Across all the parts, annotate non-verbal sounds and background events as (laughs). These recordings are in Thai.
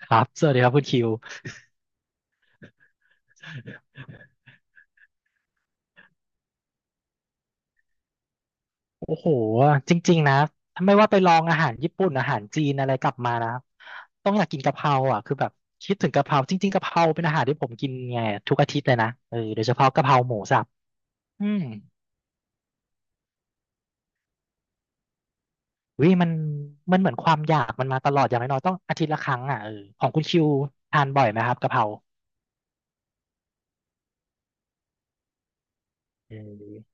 ครับสวัสดีครับคุณคิวโอ้โหจริงๆนะถ้าไม่ว่าไปลองอาหารญี่ปุ่นอาหารจีนอะไรกลับมานะต้องอยากกินกะเพราอ่ะคือแบบคิดถึงกะเพราจริงๆกะเพราเป็นอาหารที่ผมกินไงทุกอาทิตย์เลยนะเออโดยเฉพาะกะเพราหมูสับอืมวิมันมันเหมือนความอยากมันมาตลอดอย่างน้อยๆต้องอาทิตย์ละครั้งอ่ะเออของคุณคิวทานบ่อยไหมครับกะเพราเออ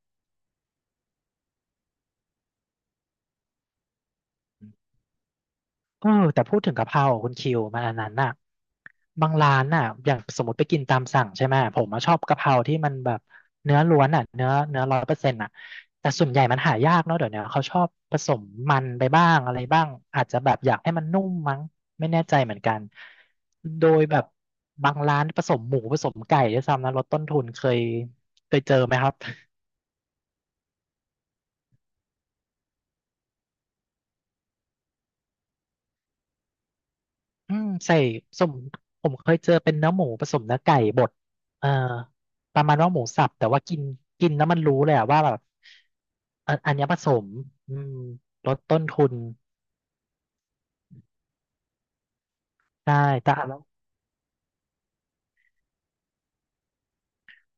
เออแต่พูดถึงกะเพราคุณคิวมันอันนั้นน่ะบางร้านน่ะอย่างสมมติไปกินตามสั่งใช่ไหมผมอะชอบกะเพราที่มันแบบเนื้อล้วนอ่ะเนื้อร้อยเปอร์เซ็นต์อ่ะแต่ส่วนใหญ่มันหายากเนาะเดี๋ยวเนี้ยเขาชอบผสมมันไปบ้างอะไรบ้างอาจจะแบบอยากให้มันนุ่มมั้งไม่แน่ใจเหมือนกันโดยแบบบางร้านผสมหมูผสมไก่ด้วยซ้ำนะลดต้นทุนเคยเจอไหมครับ อืมใส่สมผมเคยเจอเป็นเนื้อหมูผสมเนื้อไก่บดเอ่อประมาณว่าหมูสับแต่ว่ากินกินแล้วมันรู้เลยอะว่าแบบอันเนี้ยผสมอืมลดต้นทุนได้แต่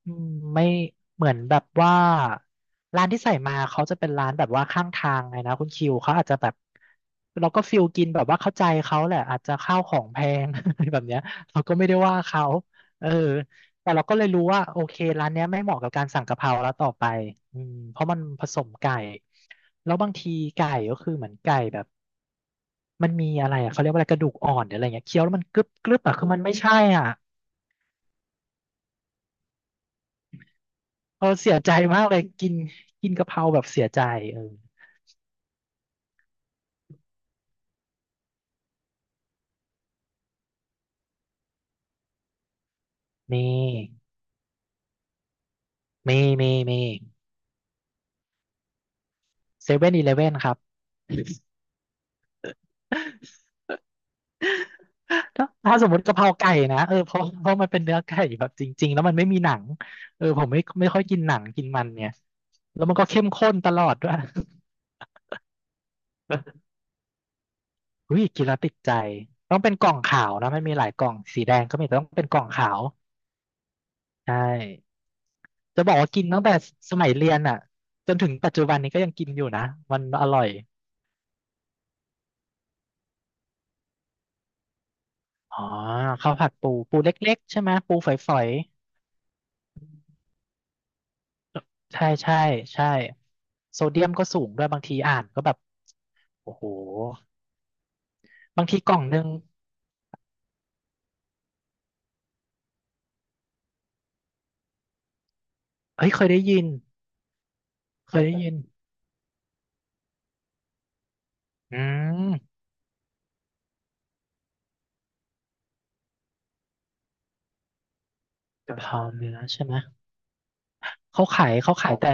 อืมไม่เหมือนแบบว่าร้านที่ใส่มาเขาจะเป็นร้านแบบว่าข้างทางไงนะคุณคิวเขาอาจจะแบบเราก็ฟิลกินแบบว่าเข้าใจเขาแหละอาจจะข้าวของแพง (laughs) อะไรแบบเนี้ยเราก็ไม่ได้ว่าเขาเออแต่เราก็เลยรู้ว่าโอเคร้านเนี้ยไม่เหมาะกับการสั่งกะเพราแล้วต่อไปอืมเพราะมันผสมไก่แล้วบางทีไก่ก็คือเหมือนไก่แบบมันมีอะไรอะเขาเรียกว่าอะไรกระดูกอ่อนหรืออะไรเงี้ยเคี้ยวแล้วมันกรึบกรึบอะคือมันไม่ใช่อ่ะ เออเสียใจมากเลยกินกินกะเพราแบบเสียใจเออมีมีมีเซเว่นอีเลเว่นครับถ้าสมมติกะเพราไก่นะเออเพราะมันเป็นเนื้อไก่แบบจริงๆแล้วมันไม่มีหนังเออผมไม่ค่อยกินหนังกินมันเนี่ยแล้วมันก็เข้มข้นตลอดด้วย (laughs) อุ้ยกินแล้วติดใจต้องเป็นกล่องขาวนะมันมีหลายกล่องสีแดงก็มีแต่ต้องเป็นกล่องขาวใช่จะบอกว่ากินตั้งแต่สมัยเรียนอ่ะจนถึงปัจจุบันนี้ก็ยังกินอยู่นะมันอร่อย อ๋อข้าวผัดปูปูเล็กๆใช่ไหมปูฝอยๆใช่ใช่ใช่โซเดียมก็สูงด้วยบางทีอ่านก็แบบโอ้โหบางทีกล่องหนึ่งเฮ้ยเคยได้ยินเคยได้ยินอืมกะเพราเนื้อใช่ไหมเขาขายแต่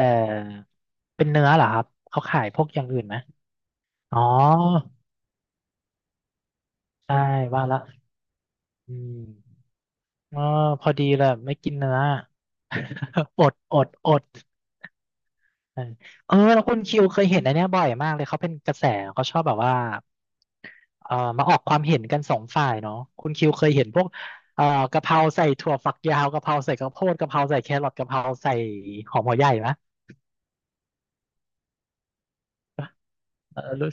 เป็นเนื้อเหรอครับเขาขายพวกอย่างอื่นไหมอ๋อใช่ว่าละอืมเออพอดีเลยไม่กินเนื้อ (laughs) อด เออเออแล้วคุณคิวเคยเห็นอันเนี้ยบ่อยมากเลยเขาเป็นกระแสเขาชอบแบบว่าเออมาออกความเห็นกันสองฝ่ายเนาะคุณคิวเคยเห็นพวกเออกะเพราใส่ถั่วฝักยาวกะเพราใส่กระโพดกะเพราใส่แครอทกะเพราใส่หอมหัวใหญ่ไหมเออรู้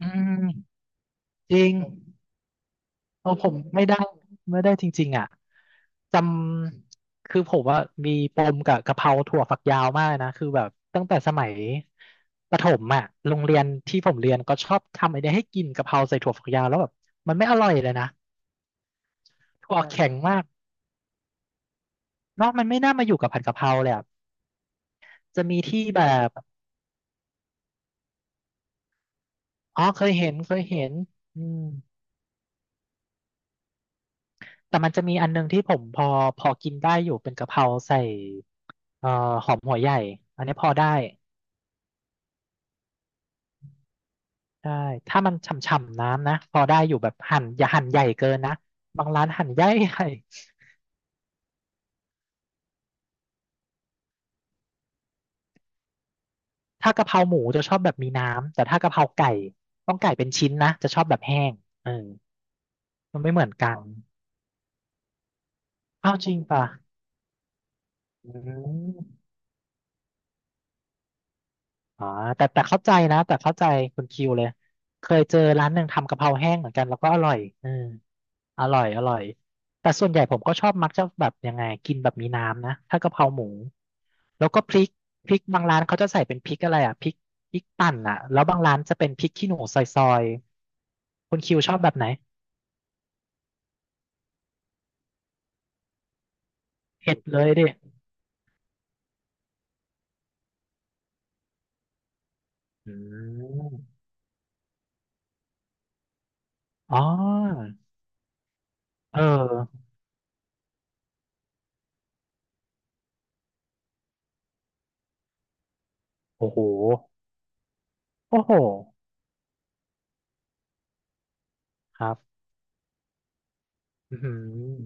อืมจริง เพราะผมไม่ได้จริงๆอ่ะจำคือผมว่ามีปมกับกะเพราถั่วฝักยาวมากนะคือแบบตั้งแต่สมัยประถมอ่ะโรงเรียนที่ผมเรียนก็ชอบทำไอเดียให้กินกะเพราใส่ถั่วฝักยาวแล้วแบบมันไม่อร่อยเลยนะถั่วอ่าแข็งมากเนอะมันไม่น่ามาอยู่กับผัดกะเพราเลยอะจะมีที่แบบอ๋อเคยเห็นอืมแต่มันจะมีอันนึงที่ผมพอกินได้อยู่เป็นกะเพราใส่เอ่อหอมหัวใหญ่อันนี้พอได้ ใช่ถ้ามันฉ่ำๆน้ำนะพอได้อยู่แบบหั่นอย่าหั่นใหญ่เกินนะ บางร้านหั่นใหญ่ (laughs) ๆถ้ากะเพราหมูจะชอบแบบมีน้ำ แต่ถ้ากะเพราไก่ต้องไก่เป็นชิ้นนะ จะชอบแบบแห้งเออมันไม่เหมือนกัน อ้าวจริงป่ะอืมอ๋อแต่เข้าใจนะ แต่เข้าใจคุณคิวเลย เคยเจอร้านหนึ่งทำกะเพราแห้งเหมือนกันแล้วก็อร่อยเออ อร่อยอร่อยแต่ส่วนใหญ่ผมก็ชอบมักจะแบบยังไงกินแบบมีน้ำนะถ้ากะเพราหมูแล้วก็พริกพริกบางร้านเขาจะใส่เป็นพริกอะไรอ่ะพริกปั่นอ่ะแล้วบางร้านจะเป็นพริกขี้หนูซอยๆคุณคิวชอบแบบไหนเผ็ดเลยดิอืมอ๋อเออโอ้โหโอ้โหครับอืม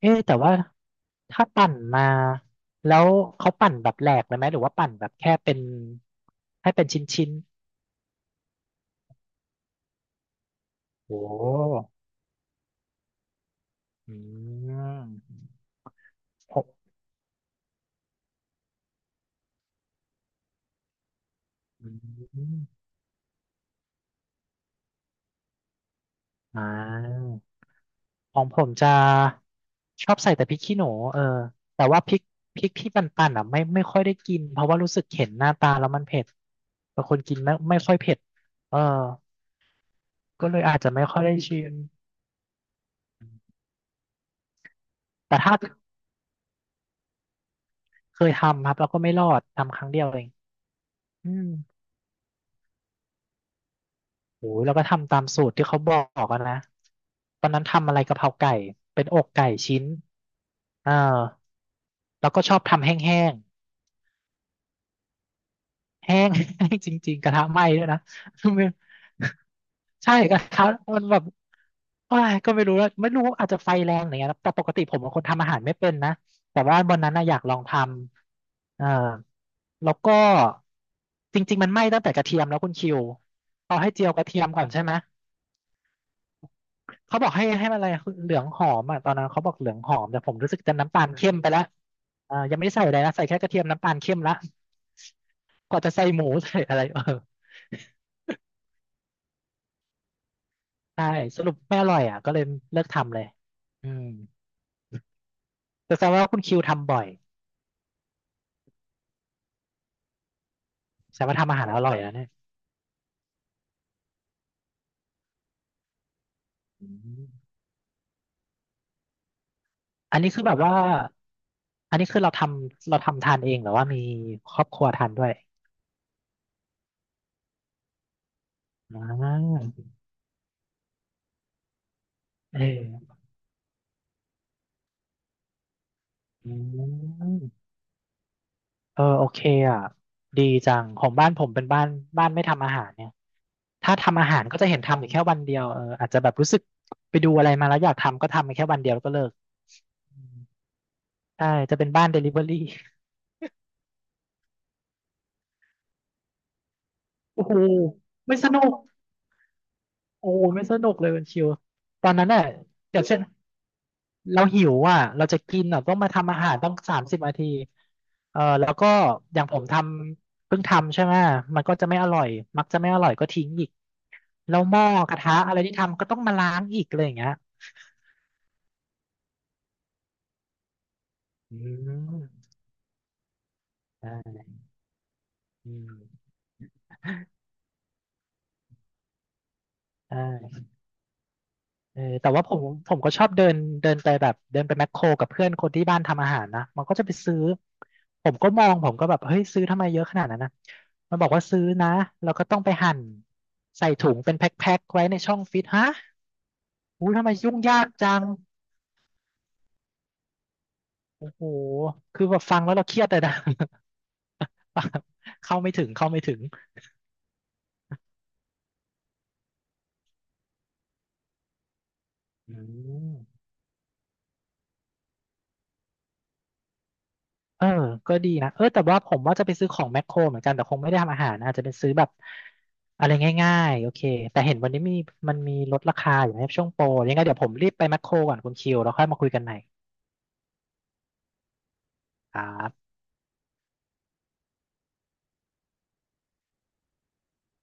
เอ๊ะแต่ว่าถ้าปั่นมาแล้วเขาปั่นแบบแหลกเลยไหมหรือว่าปั่นแบบแค่เป็นให้เป็นชิ้นๆ โอ้อืมผมอืมอ่าของผมจะชอบใส่แต่พริกขี้หนูเออแต่ว่าพริกที่ปั่นๆอ่ะไม่ค่อยได้กินเพราะว่ารู้สึกเห็นหน้าตาแล้วมันเผ็ดบางคนกินไม่ค่อยเผ็ดเออก็เลยอาจจะไม่ค่อยได้ชิมแต่ถ้าเคยทำครับแล้วก็ไม่รอดทำครั้งเดียวเองอืมโอ้ยแล้วก็ทำตามสูตรที่เขาบอกอะนะตอนนั้นทำอะไรกะเพราไก่เป็นอกไก่ชิ้นเออ แล้วก็ชอบทำแห้ง (laughs) แห้ง (laughs) จริงๆกระทะไหม้ด้วยนะ (laughs) ใช่กระทะมันแบบโอ้ยก็ไม่รู้อาจจะไฟแรงหรือไงนะแต่ปกติผมเป็นคนทำอาหารไม่เป็นนะแต่ว่าวันนั้นนะอยากลองทำเออแล้วก็จริงๆมันไหม้ตั้งแต่กระเทียมแล้วคุณคิวเขาให้เจียวกระเทียมก่อนใช่ไหมเขาบอกให้มันอะไรเหลืองหอมอ่ะตอนนั้นเขาบอกเหลืองหอมแต่ผมรู้สึกจะน้ำตาลเข้มไปแล้วยังไม่ได้ใส่อะไรนะใส่แค่กระเทียมน้ำตาลเข้มละ กว่าจะใส่หมูใส่อะไรเออใช่สรุปไม่อร่อยอ่ะก็เลยเลิกทำเลยอืมแต่แสดงว่าคุณคิวทำบ่อยแสดงว่าทำอาหารอร่อยแล้วเนี่ยอืมอันนี้คือแบบว่าอันนี้คือเราทำทานเองหรือว่ามีครอบครัวทานด้วยอ่าเอออืมเออโอเคอ่ะดีจังของบ้านผมเป็นบ้านไม่ทำอาหารเนี่ยถ้าทำอาหารก็จะเห็นทำอยู่แค่วันเดียวเอออาจจะแบบรู้สึกไปดูอะไรมาแล้วอยากทำก็ทำไปแค่วันเดียวแล้วก็เลิก ใช่จะเป็นบ้านเดลิเวอรี่โอ้โหไม่สนุกโอ้โหไม่สนุกเลยมันชิวตอนนั้นน่ะอย่างเช่นเราหิวอ่ะเราจะกินอ่ะต้องมาทำอาหารต้อง30 นาทีเออแล้วก็อย่างผมเพิ่งทำใช่ไหมมันก็จะไม่อร่อยมักจะไม่อร่อยก็ทิ้งอีกแล้วหม้อกระทะอะไรที่ทำก็ต้องมาล้างอีกอะไรอย่างเงี้ยอืมใช่อืมใช่ เออแต่ว่าผมก็ชอบเดินเดินไปแบบเดินไปแมคโครกับเพื่อนคนที่บ้านทำอาหารนะมันก็จะไปซื้อผมก็มองผมก็แบบเฮ้ยซื้อทำไมเยอะขนาดนั้นนะมันบอกว่าซื้อนะแล้วก็ต้องไปหั่นใส่ถุงเป็นแพ็คๆไว้ในช่องฟิตฮะอู้ทำไมยุ่งยากจังโอ้โหคือแบบฟังแล้วเราเครียดเลยนะ (laughs) ฟังเข้าไม่ถึงอืม เออก็ดีนะเออแต่ว่าผมว่าจะไปซื้อของแมคโครเหมือนกัน แต่คงไม่ได้ทำอาหารนะอาจจะเป็นซื้อแบบอะไรง่ายๆ โอเค แต่เห็นวันนี้มีมันมีลดราคาอยู่ในะช่วงโปรยังไงเดี๋ยวผมรีบไปแมคโครก่อนคุณคิวแล้วค่อยมาคุยกันใหม่ครับ